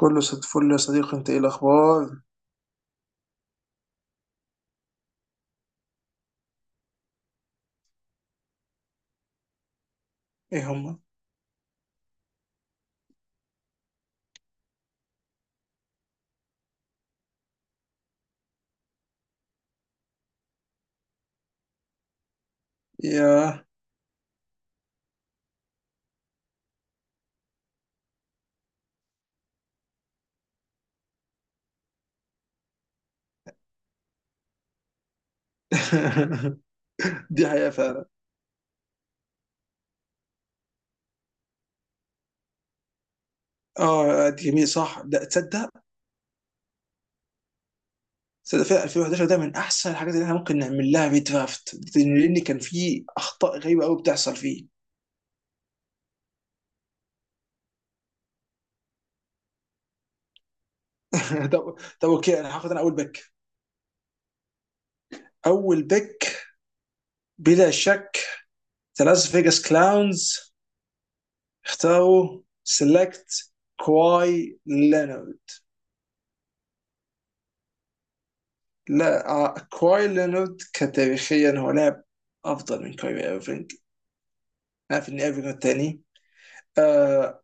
كله صد فل يا صديقي، انت ايه الاخبار؟ ايه هما؟ يا. دي حقيقة فعلا. اه، دي جميل، صح، ده تصدق؟ تصدق فعلا، 2011 ده من احسن الحاجات اللي احنا ممكن نعمل لها ريدرافت، لان كان فيه اخطاء غريبة قوي بتحصل فيه. طب، طب اوكي، انا اول بيك. اول بيك بلا شك، ذا لاس فيجاس كلاونز اختاروا كواي لينارد. لا، كواي لينارد كتاريخيا هو لاعب افضل من كايري ايرفينج. نعرف ان ايرفينج الثاني. آه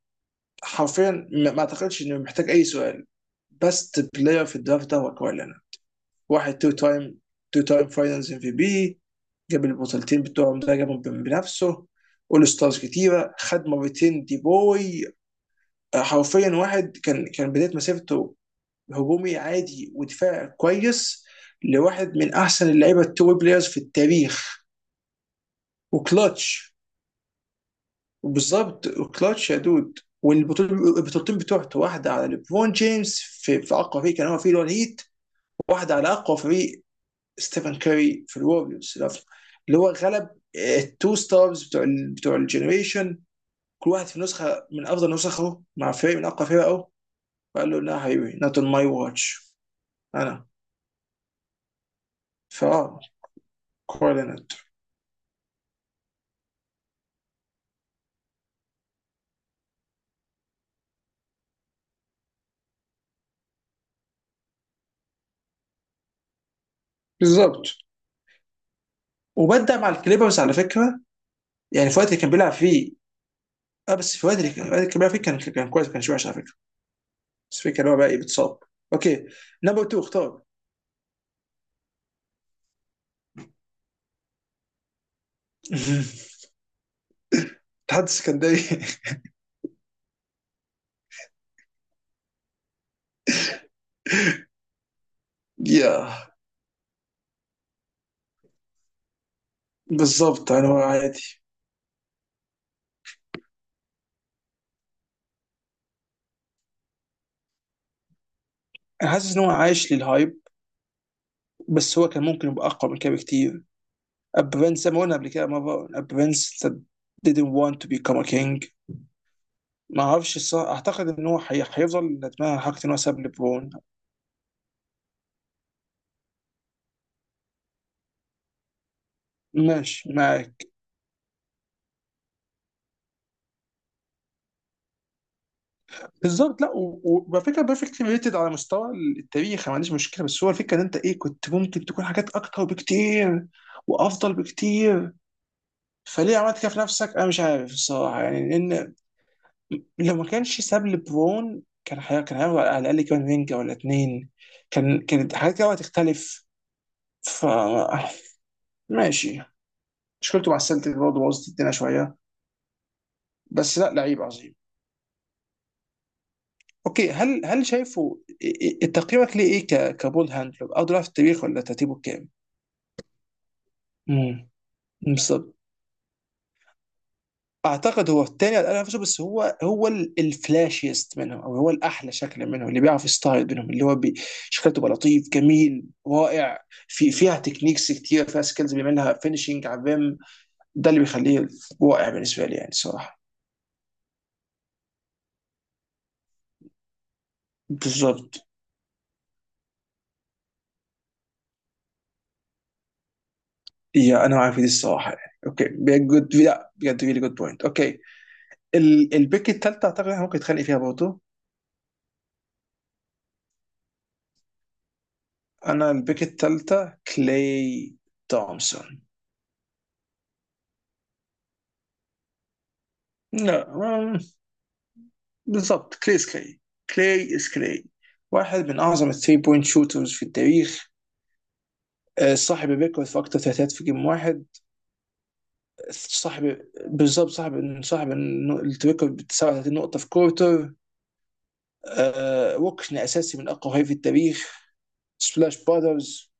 حرفيا ما اعتقدش انه محتاج اي سؤال. بست بلاير في الدرافت ده هو كواي لينارد. واحد تو تايم فاينلز ام في بي. جاب البطولتين بتوعهم، ده جابهم بنفسه. اول ستارز كتيره، خد مرتين دي بوي. حرفيا واحد كان بدايه مسيرته هجومي عادي ودفاع كويس لواحد من احسن اللعيبه التو بلايرز في التاريخ. وكلتش. وبالظبط. كلاتش يا دود، والبطولتين البطولتين بتوعته، واحده على ليبرون جيمس في اقوى فريق كان هو فيه، اللي هو الهيت. واحده على اقوى فريق، ستيفن كاري في الوريورز، اللي هو غلب التو ستارز بتوع الجنريشن. كل واحد في نسخه من افضل نسخه مع فريق من اقوى فرقه. وقال له لا حبيبي، نوت اون ماي واتش. انا فاه كوردينيت. بالظبط، وبدع مع الكليبرز على فكره، يعني في الوقت اللي كان بيلعب فيه. اه بس في الوقت اللي كان بيلعب فيه كان كويس، ما كانش وحش على فكره. بس فكرة اللي هو بقى ايه بتصاب. اوكي، نمبر 2 اختار. الاتحاد السكندري. يا. بالظبط، انا هو عادي. انا حاسس ان هو عايش للهايب، بس هو كان ممكن يبقى اقوى من كده بكتير. ابرنس زي ما قلنا قبل كده مره، ابرنس didn't want to become a king. ما اعرفش الصراحه، اعتقد ان هو هيفضل ندمان على حركه ان هو ساب لبرون. ماشي معاك. بالظبط، لا، وعلى فكره بيرفكت ريتد على مستوى التاريخ. ما عنديش مشكله، بس هو الفكره ان انت ايه، كنت ممكن تكون حاجات اكتر بكتير وافضل بكتير. فليه عملت كده في نفسك؟ انا مش عارف الصراحه يعني، لان لو ما كانش ساب لبرون كان، كان هياخد على الاقل كمان رينجا ولا اتنين. كانت حاجات كده هتختلف. ف ماشي. مشكلته مع السلتيك برضه بوظت الدنيا شويه، بس لا، لعيب عظيم. اوكي، هل شايفه؟ تقييمك ليه ايه كبول هاندلر او دراft التاريخ، ولا ترتيبه كام؟ امم بالظبط. اعتقد هو الثاني على الأقل نفسه، بس هو الفلاشيست منهم، او هو الاحلى شكل منهم، اللي بيعرف يستعرض منهم، اللي هو شكله تبقى لطيف جميل رائع. فيها تكنيكس كتير، فيها سكيلز بيعملها، فينشنج على الريم. ده اللي بيخليه رائع بالنسبه لي يعني الصراحه. بالظبط. يا، انا معاك في دي الصراحه يعني. اوكي، جود، لا بجد، ريلي جود بوينت. اوكي، البيك التالتة أعتقد إحنا ممكن نتخانق فيها برضه. أنا البيك التالتة كلاي تومسون. لا بالضبط، كلاي إز كلاي، كلاي إز كلاي، واحد من أعظم الثري بوينت شوترز في التاريخ. صاحب الريكورد في أكتر ثلاثيات في جيم واحد. صاحب بالظبط، صاحب الريكورد ب 39 نقطة في كورتر. ركن أساسي من أقوى هاي في التاريخ، سبلاش بادرز.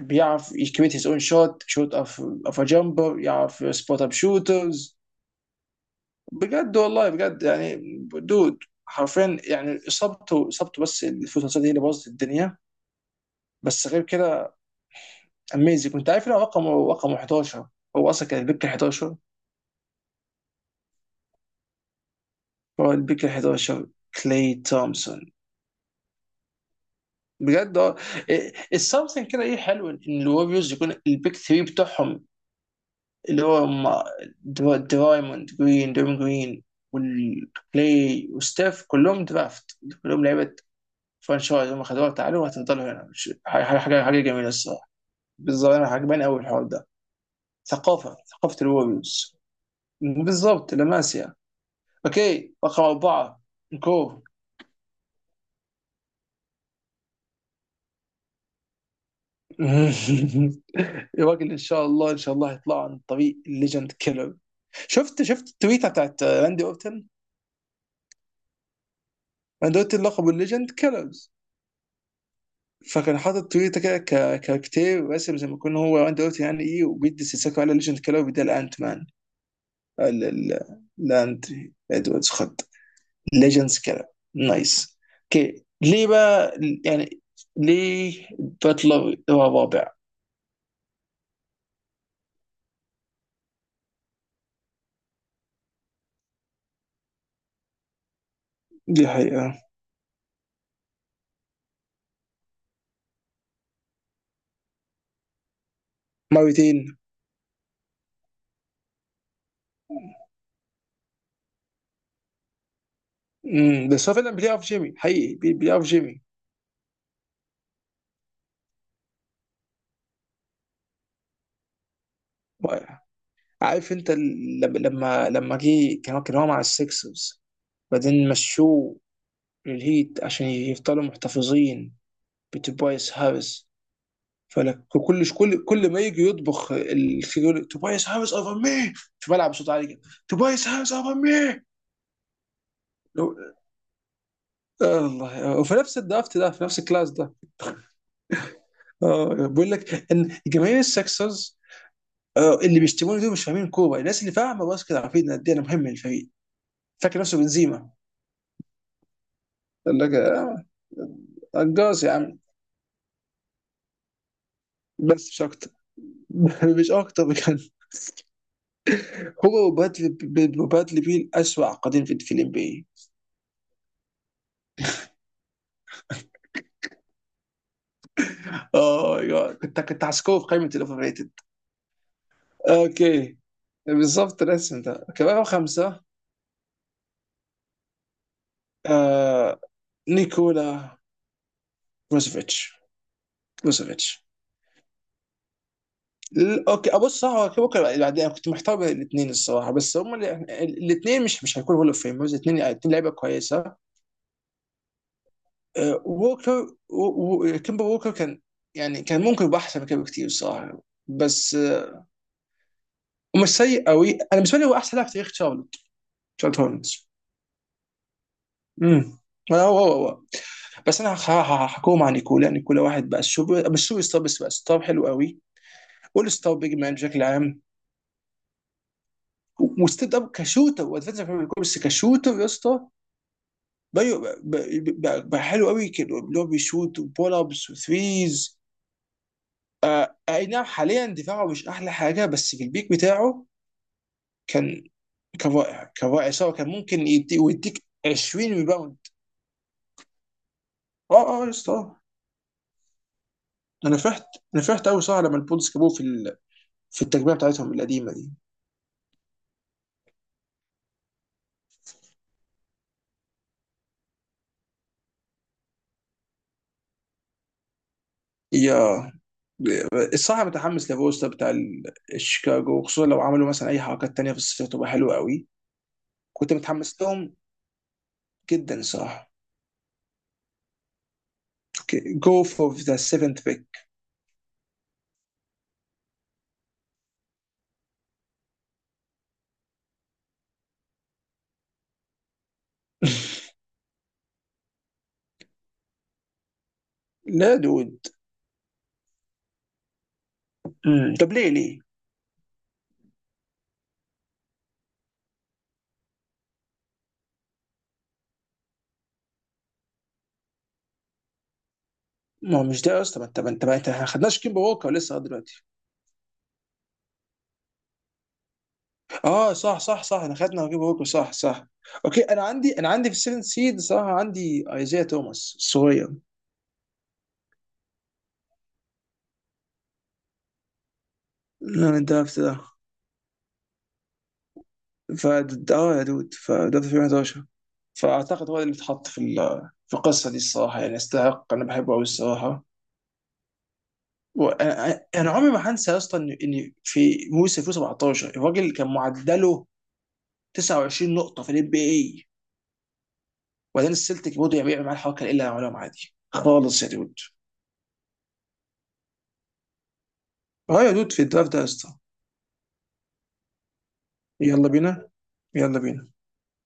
بيعرف يكريت هيز اون شوت، شوت اوف ا جامبر. يعرف سبوت اب شوترز. بجد والله، بجد يعني دود، حرفيا يعني، اصابته بس الفوتوسات هي اللي بوظت الدنيا. بس غير كده اميزنج. كنت عارف ان هو رقم 11، هو اصلا كان البيك 11، هو البيك 11، كلاي تومسون. بجد. اه السمثينج كده ايه حلو ان الوريوز يكون البيك 3 بتاعهم، اللي هو درايموند جرين، درايموند جرين والكلاي وستاف، كلهم درافت، كلهم لعيبه فرانشايز. هم خدوها تعالوا وهتفضلوا هنا. مش حاجه حاجه حاجة جميله الصراحه. بالظبط. انا عجباني قوي الحوار ده، ثقافه الوريوز. بالظبط، لاماسيا. اوكي، رقم اربعه، نكو. يا راجل، ان شاء الله ان شاء الله هيطلع عن طريق الليجند كيلر. شفت التويته بتاعت راندي اورتن؟ راندي اورتن لقبه الليجند كيلرز. فكان حاطط تويتة كده، كاركتير راسم زي ما يكون هو وان دلوقتي يعني ايه، وبيدي سيساكو على ليجند كده، وبيديها لانت مان، لاند ادواردز، خد ليجندز كده. نايس. اوكي، ليه بقى يعني ليه باتلر هو الرابع؟ دي حقيقة. مرتين. بس هو فعلا بلاي اوف جيمي حقيقي، بلاي اوف جيمي. عارف انت لما لما جه كان هو مع السكسرز، بعدين مشوه للهيت عشان يفضلوا محتفظين بتوبايس هاريس. فانا كل ما يجي يطبخ يقول توبايس هاريس اوفر مي، فبلعب بصوت عالي كده، توبايس هاريس اوفر مي. لو- آه الله. وفي نفس الدرافت ده، في نفس الكلاس ده. اه، بقول لك ان جماهير السكسرز اللي بيشتموني دول مش فاهمين كوره. الناس اللي فاهمه باسكت عارفين قد ايه انا مهم للفريق. فاكر نفسه بنزيما. قال لك آه. انجاز يا عم، بس مش اكتر. مش اكتر بجد. هو وبادلي بيل، اسوأ عقدين في الام بي. اه كنت هسكوه في قائمه الاوفر ريتد. اوكي، بالظبط، الاسم ده. اوكي، رقم خمسه، آه نيكولا بروزوفيتش، بروزوفيتش اوكي، ابص صح، هو ممكن يبقى بعدين. انا كنت محتار بين الاثنين الصراحه، بس هم الاثنين مش هيكونوا هول اوف فيمرز. الاثنين الاثنين لعيبه كويسه. ووكر، كيمبا ووكر كان، يعني كان ممكن يبقى احسن من كده بكتير الصراحه، بس ومش سيء قوي. انا بالنسبه لي هو احسن لاعب في تاريخ شارلوت هولمز. امم هو بس انا هحكوهم عن نيكولا واحد بقى السوبر مش سوبر ستار، بس بقى ستار حلو قوي. اول ستار بيج مان بشكل عام، وستيد اب كشوتر وادفنتشر، بس كشوتر يا اسطى. بقى, بقى حلو قوي كده، اللي هو بيشوت وبول ابس وثريز. آه، اي نعم. حاليا دفاعه مش احلى حاجه، بس في البيك بتاعه كان كان رائع كان رائع. سواء كان ممكن يدي ويديك 20 ريباوند. اه، اه يا اسطى. آه. انا فرحت، قوي صراحه لما البولز جابوه في التجميع بتاعتهم القديمه دي. يا، الصراحه متحمس لفوستا بتاع الشيكاغو، خصوصا لو عملوا مثلا اي حركات تانية في الصيف تبقى حلوه قوي. كنت متحمس لهم جدا صراحه. اوكي، جو فور ذا سيفنت بيك. لا دود. مم. طب، ليه؟ ما هو مش ده اصلا، انت ما خدناش كيمبا ووكر لسه لغايه دلوقتي. اه، صح صح صح، انا خدنا كيمبا ووكر، صح صح. اوكي، انا عندي في السيفن سيد صراحه، عندي ايزيا توماس الصغير. انا الدرافت ده. ف اه يا دود، فده في 2011، فاعتقد هو اللي اتحط في القصه دي الصراحه يعني. يستحق، انا بحبه قوي الصراحه. وانا عمري ما هنسى يا اسطى ان في موسم 2017 الراجل كان معدله 29 نقطه في الام بي اي. وبعدين السلتيك برضه بيعمل معاه الحركه اللي عملهم عادي خالص يا دود في الدراft ده يا اسطى. يلا بينا، يلا بينا.